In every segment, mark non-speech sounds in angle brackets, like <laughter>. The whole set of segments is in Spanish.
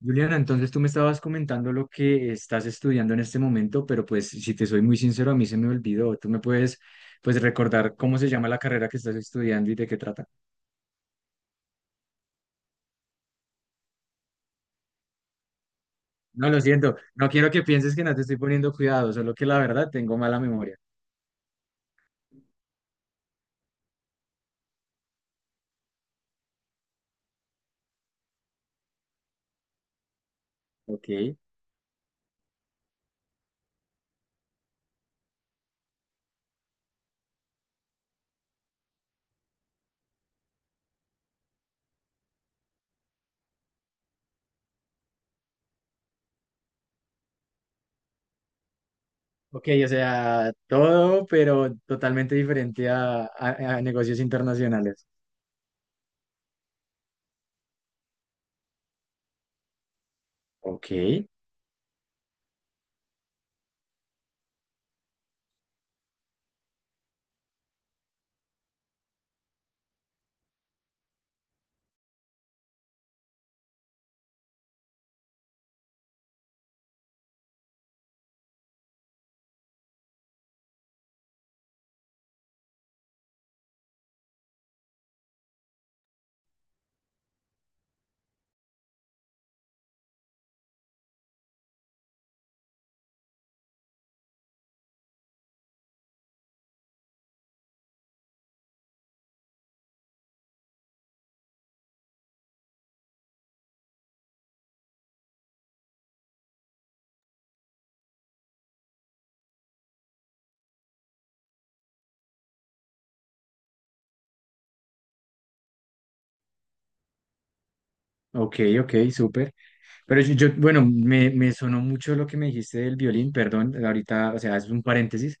Juliana, entonces tú me estabas comentando lo que estás estudiando en este momento, pero pues si te soy muy sincero, a mí se me olvidó. ¿Tú me puedes pues recordar cómo se llama la carrera que estás estudiando y de qué trata? No, lo siento, no quiero que pienses que no te estoy poniendo cuidado, solo que la verdad tengo mala memoria. Ok. Ok, o sea, todo, pero totalmente diferente a, a negocios internacionales. Ok, ok, ok, súper. Pero bueno, me sonó mucho lo que me dijiste del violín, perdón, ahorita, o sea, es un paréntesis.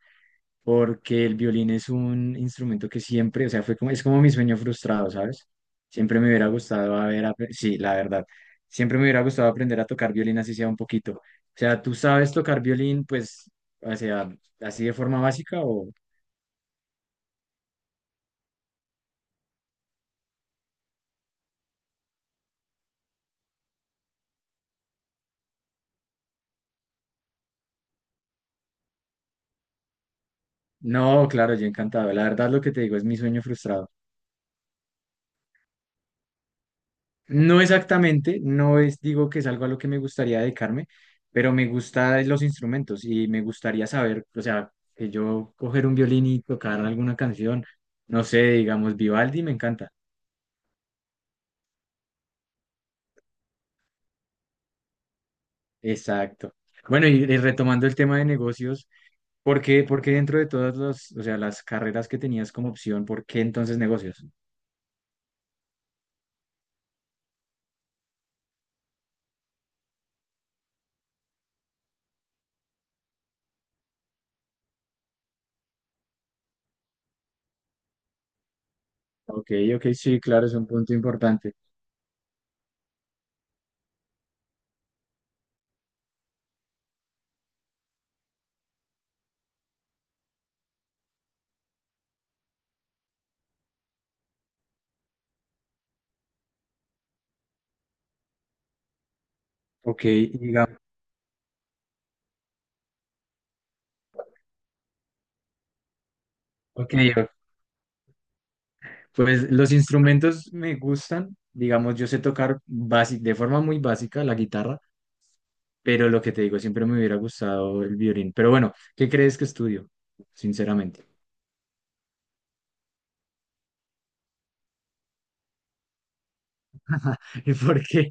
Porque el violín es un instrumento que siempre, o sea, fue como, es como mi sueño frustrado, ¿sabes? Siempre me hubiera gustado haber, sí, la verdad, siempre me hubiera gustado aprender a tocar violín así sea un poquito. O sea, ¿tú sabes tocar violín, pues, o sea, así de forma básica o...? No, claro, yo encantado. La verdad, lo que te digo es mi sueño frustrado. No exactamente, no es, digo que es algo a lo que me gustaría dedicarme, pero me gustan los instrumentos y me gustaría saber, o sea, que yo coger un violín y tocar alguna canción, no sé, digamos Vivaldi, me encanta. Exacto. Bueno, y retomando el tema de negocios, por qué dentro de todas las, o sea, las carreras que tenías como opción, por qué entonces negocios? Ok, ok, sí, claro, es un punto importante. Ok, digamos, ok, ok. Pues los instrumentos me gustan, digamos, yo sé tocar de forma muy básica la guitarra, pero lo que te digo, siempre me hubiera gustado el violín. Pero bueno, ¿qué crees que estudio? Sinceramente. <laughs> ¿Y por qué?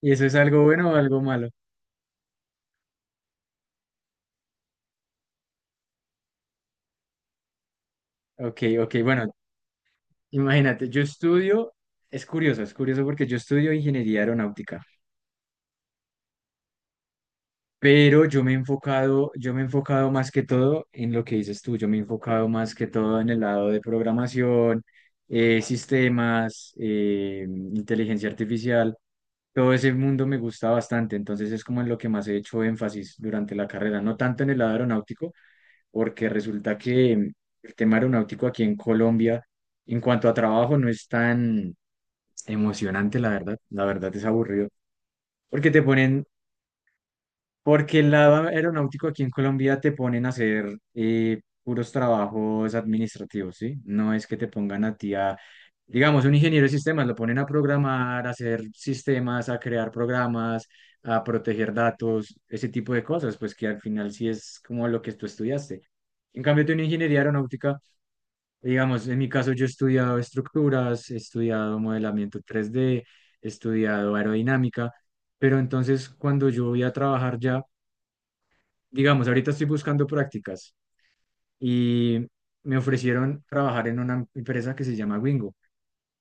¿Y eso es algo bueno o algo malo? Ok, bueno, imagínate, yo estudio, es curioso porque yo estudio ingeniería aeronáutica. Pero yo me he enfocado más que todo en lo que dices tú, yo me he enfocado más que todo en el lado de programación, sistemas, inteligencia artificial, todo ese mundo me gusta bastante, entonces es como en lo que más he hecho énfasis durante la carrera, no tanto en el lado aeronáutico, porque resulta que el tema aeronáutico aquí en Colombia, en cuanto a trabajo, no es tan emocionante, la verdad es aburrido, porque te ponen porque el lado aeronáutico aquí en Colombia te ponen a hacer puros trabajos administrativos, ¿sí? No es que te pongan a ti a, digamos, un ingeniero de sistemas, lo ponen a programar, a hacer sistemas, a crear programas, a proteger datos, ese tipo de cosas, pues que al final sí es como lo que tú estudiaste. En cambio, tú en ingeniería aeronáutica, digamos, en mi caso yo he estudiado estructuras, he estudiado modelamiento 3D, he estudiado aerodinámica. Pero entonces cuando yo voy a trabajar ya digamos, ahorita estoy buscando prácticas y me ofrecieron trabajar en una empresa que se llama Wingo.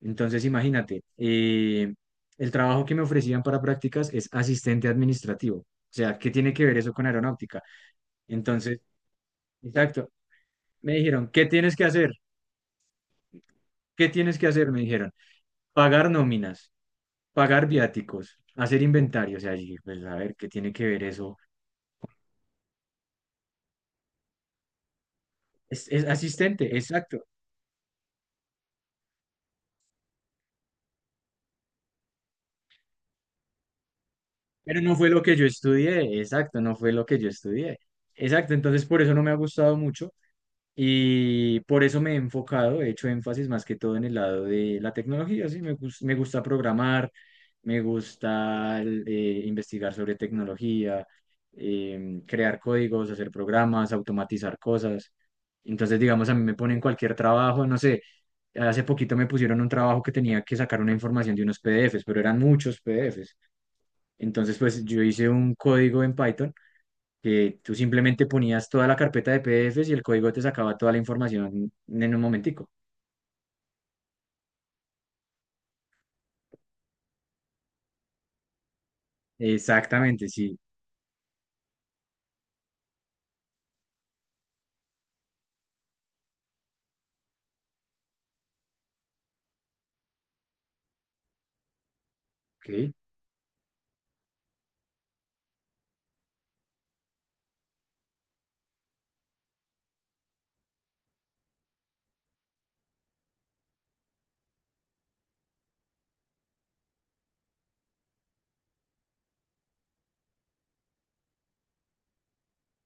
Entonces, imagínate, el trabajo que me ofrecían para prácticas es asistente administrativo. O sea, ¿qué tiene que ver eso con aeronáutica? Entonces, exacto, me dijeron, ¿qué tienes que hacer? ¿Qué tienes que hacer? Me dijeron, pagar nóminas, pagar viáticos, hacer inventario. O sea, yo dije, pues a ver, ¿qué tiene que ver eso? Es asistente, exacto. Pero no fue lo que yo estudié, exacto, no fue lo que yo estudié. Exacto, entonces por eso no me ha gustado mucho y por eso me he enfocado, he hecho énfasis más que todo en el lado de la tecnología, sí, me gusta programar, me gusta investigar sobre tecnología, crear códigos, hacer programas, automatizar cosas. Entonces, digamos, a mí me ponen cualquier trabajo, no sé, hace poquito me pusieron un trabajo que tenía que sacar una información de unos PDFs, pero eran muchos PDFs. Entonces, pues yo hice un código en Python que tú simplemente ponías toda la carpeta de PDFs y el código te sacaba toda la información en un momentico. Exactamente, sí. Ok.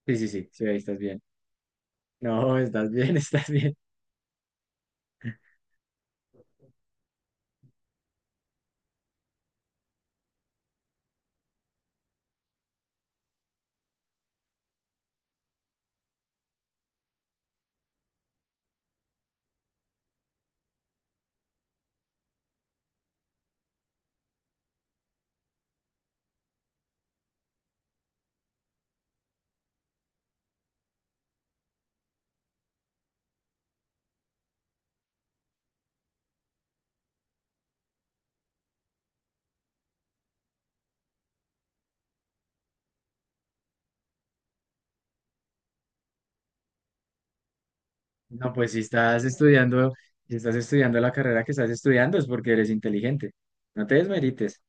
Sí, sí, sí, sí, ahí estás bien. No, estás bien, <laughs> estás bien. No, pues si estás estudiando la carrera que estás estudiando es porque eres inteligente. No te desmerites.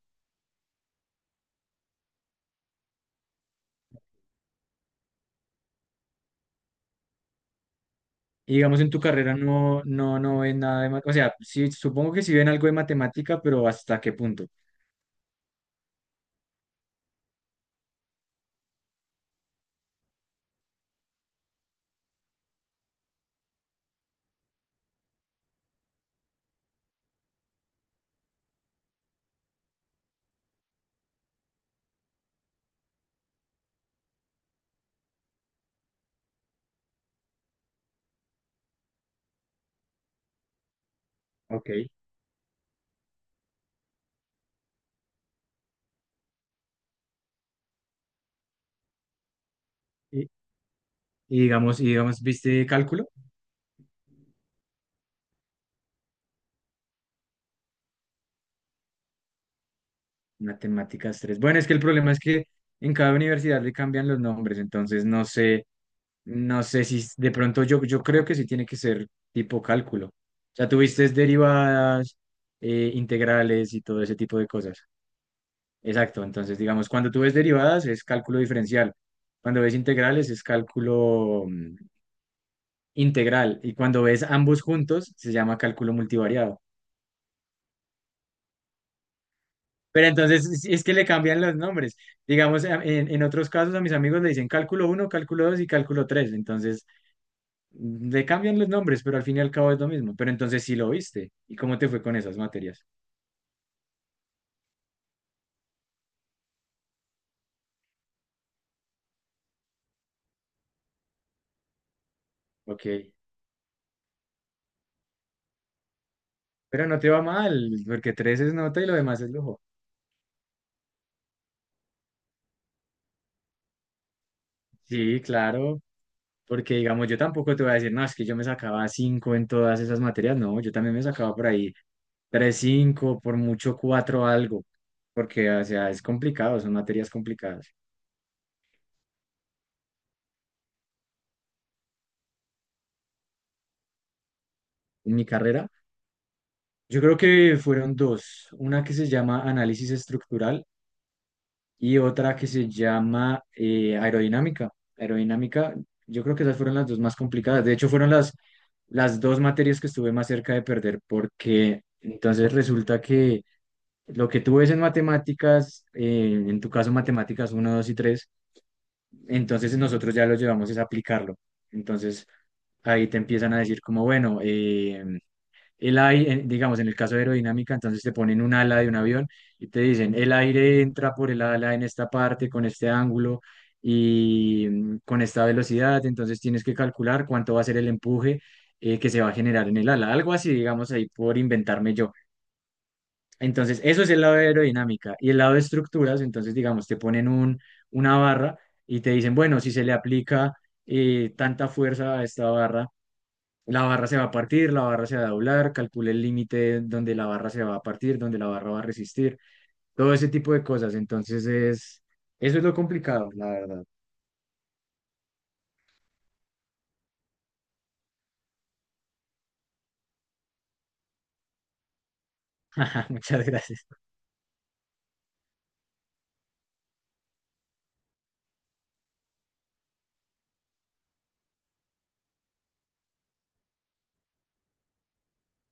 Y digamos en tu carrera no ven nada de, o sea, sí, supongo que sí ven algo de matemática, pero ¿hasta qué punto? Ok. Y, y digamos, ¿viste cálculo? Matemáticas tres. Bueno, es que el problema es que en cada universidad le cambian los nombres, entonces no sé, no sé si de pronto yo creo que sí tiene que ser tipo cálculo. O sea, tuviste derivadas, integrales y todo ese tipo de cosas. Exacto, entonces digamos, cuando tú ves derivadas es cálculo diferencial, cuando ves integrales es cálculo integral, y cuando ves ambos juntos se llama cálculo multivariado. Pero entonces sí, es que le cambian los nombres. Digamos, en otros casos a mis amigos le dicen cálculo uno, cálculo 2 y cálculo 3. Entonces le cambian los nombres, pero al fin y al cabo es lo mismo. Pero entonces sí lo viste. ¿Y cómo te fue con esas materias? Ok. Pero no te va mal, porque 3 es nota y lo demás es lujo. Sí, claro. Porque digamos, yo tampoco te voy a decir, no, es que yo me sacaba cinco en todas esas materias. No, yo también me sacaba por ahí 3 5, por mucho 4 algo. Porque, o sea, es complicado, son materias complicadas. En mi carrera, yo creo que fueron dos, una que se llama análisis estructural y otra que se llama aerodinámica. Aerodinámica, yo creo que esas fueron las dos más complicadas. De hecho, fueron las dos materias que estuve más cerca de perder, porque entonces resulta que lo que tú ves en matemáticas, en tu caso matemáticas uno, 2 y tres, entonces nosotros ya lo llevamos es a aplicarlo. Entonces ahí te empiezan a decir como, bueno, el aire, digamos, en el caso de aerodinámica, entonces te ponen un ala de un avión y te dicen, el aire entra por el ala en esta parte, con este ángulo y con esta velocidad, entonces tienes que calcular cuánto va a ser el empuje que se va a generar en el ala, algo así, digamos, ahí por inventarme yo. Entonces, eso es el lado de aerodinámica. Y el lado de estructuras, entonces, digamos, te ponen una barra y te dicen, bueno, si se le aplica tanta fuerza a esta barra, la barra se va a partir, la barra se va a doblar, calcule el límite donde la barra se va a partir, donde la barra va a resistir, todo ese tipo de cosas. Entonces es, eso es lo complicado, la verdad. <laughs> Muchas gracias.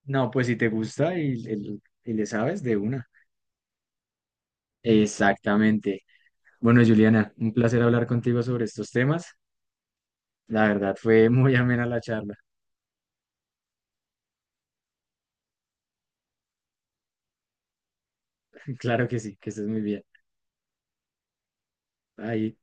No, pues si te gusta y le sabes de una. Exactamente. Bueno, Juliana, un placer hablar contigo sobre estos temas. La verdad fue muy amena la charla. <laughs> Claro que sí, que estés muy bien. Ahí.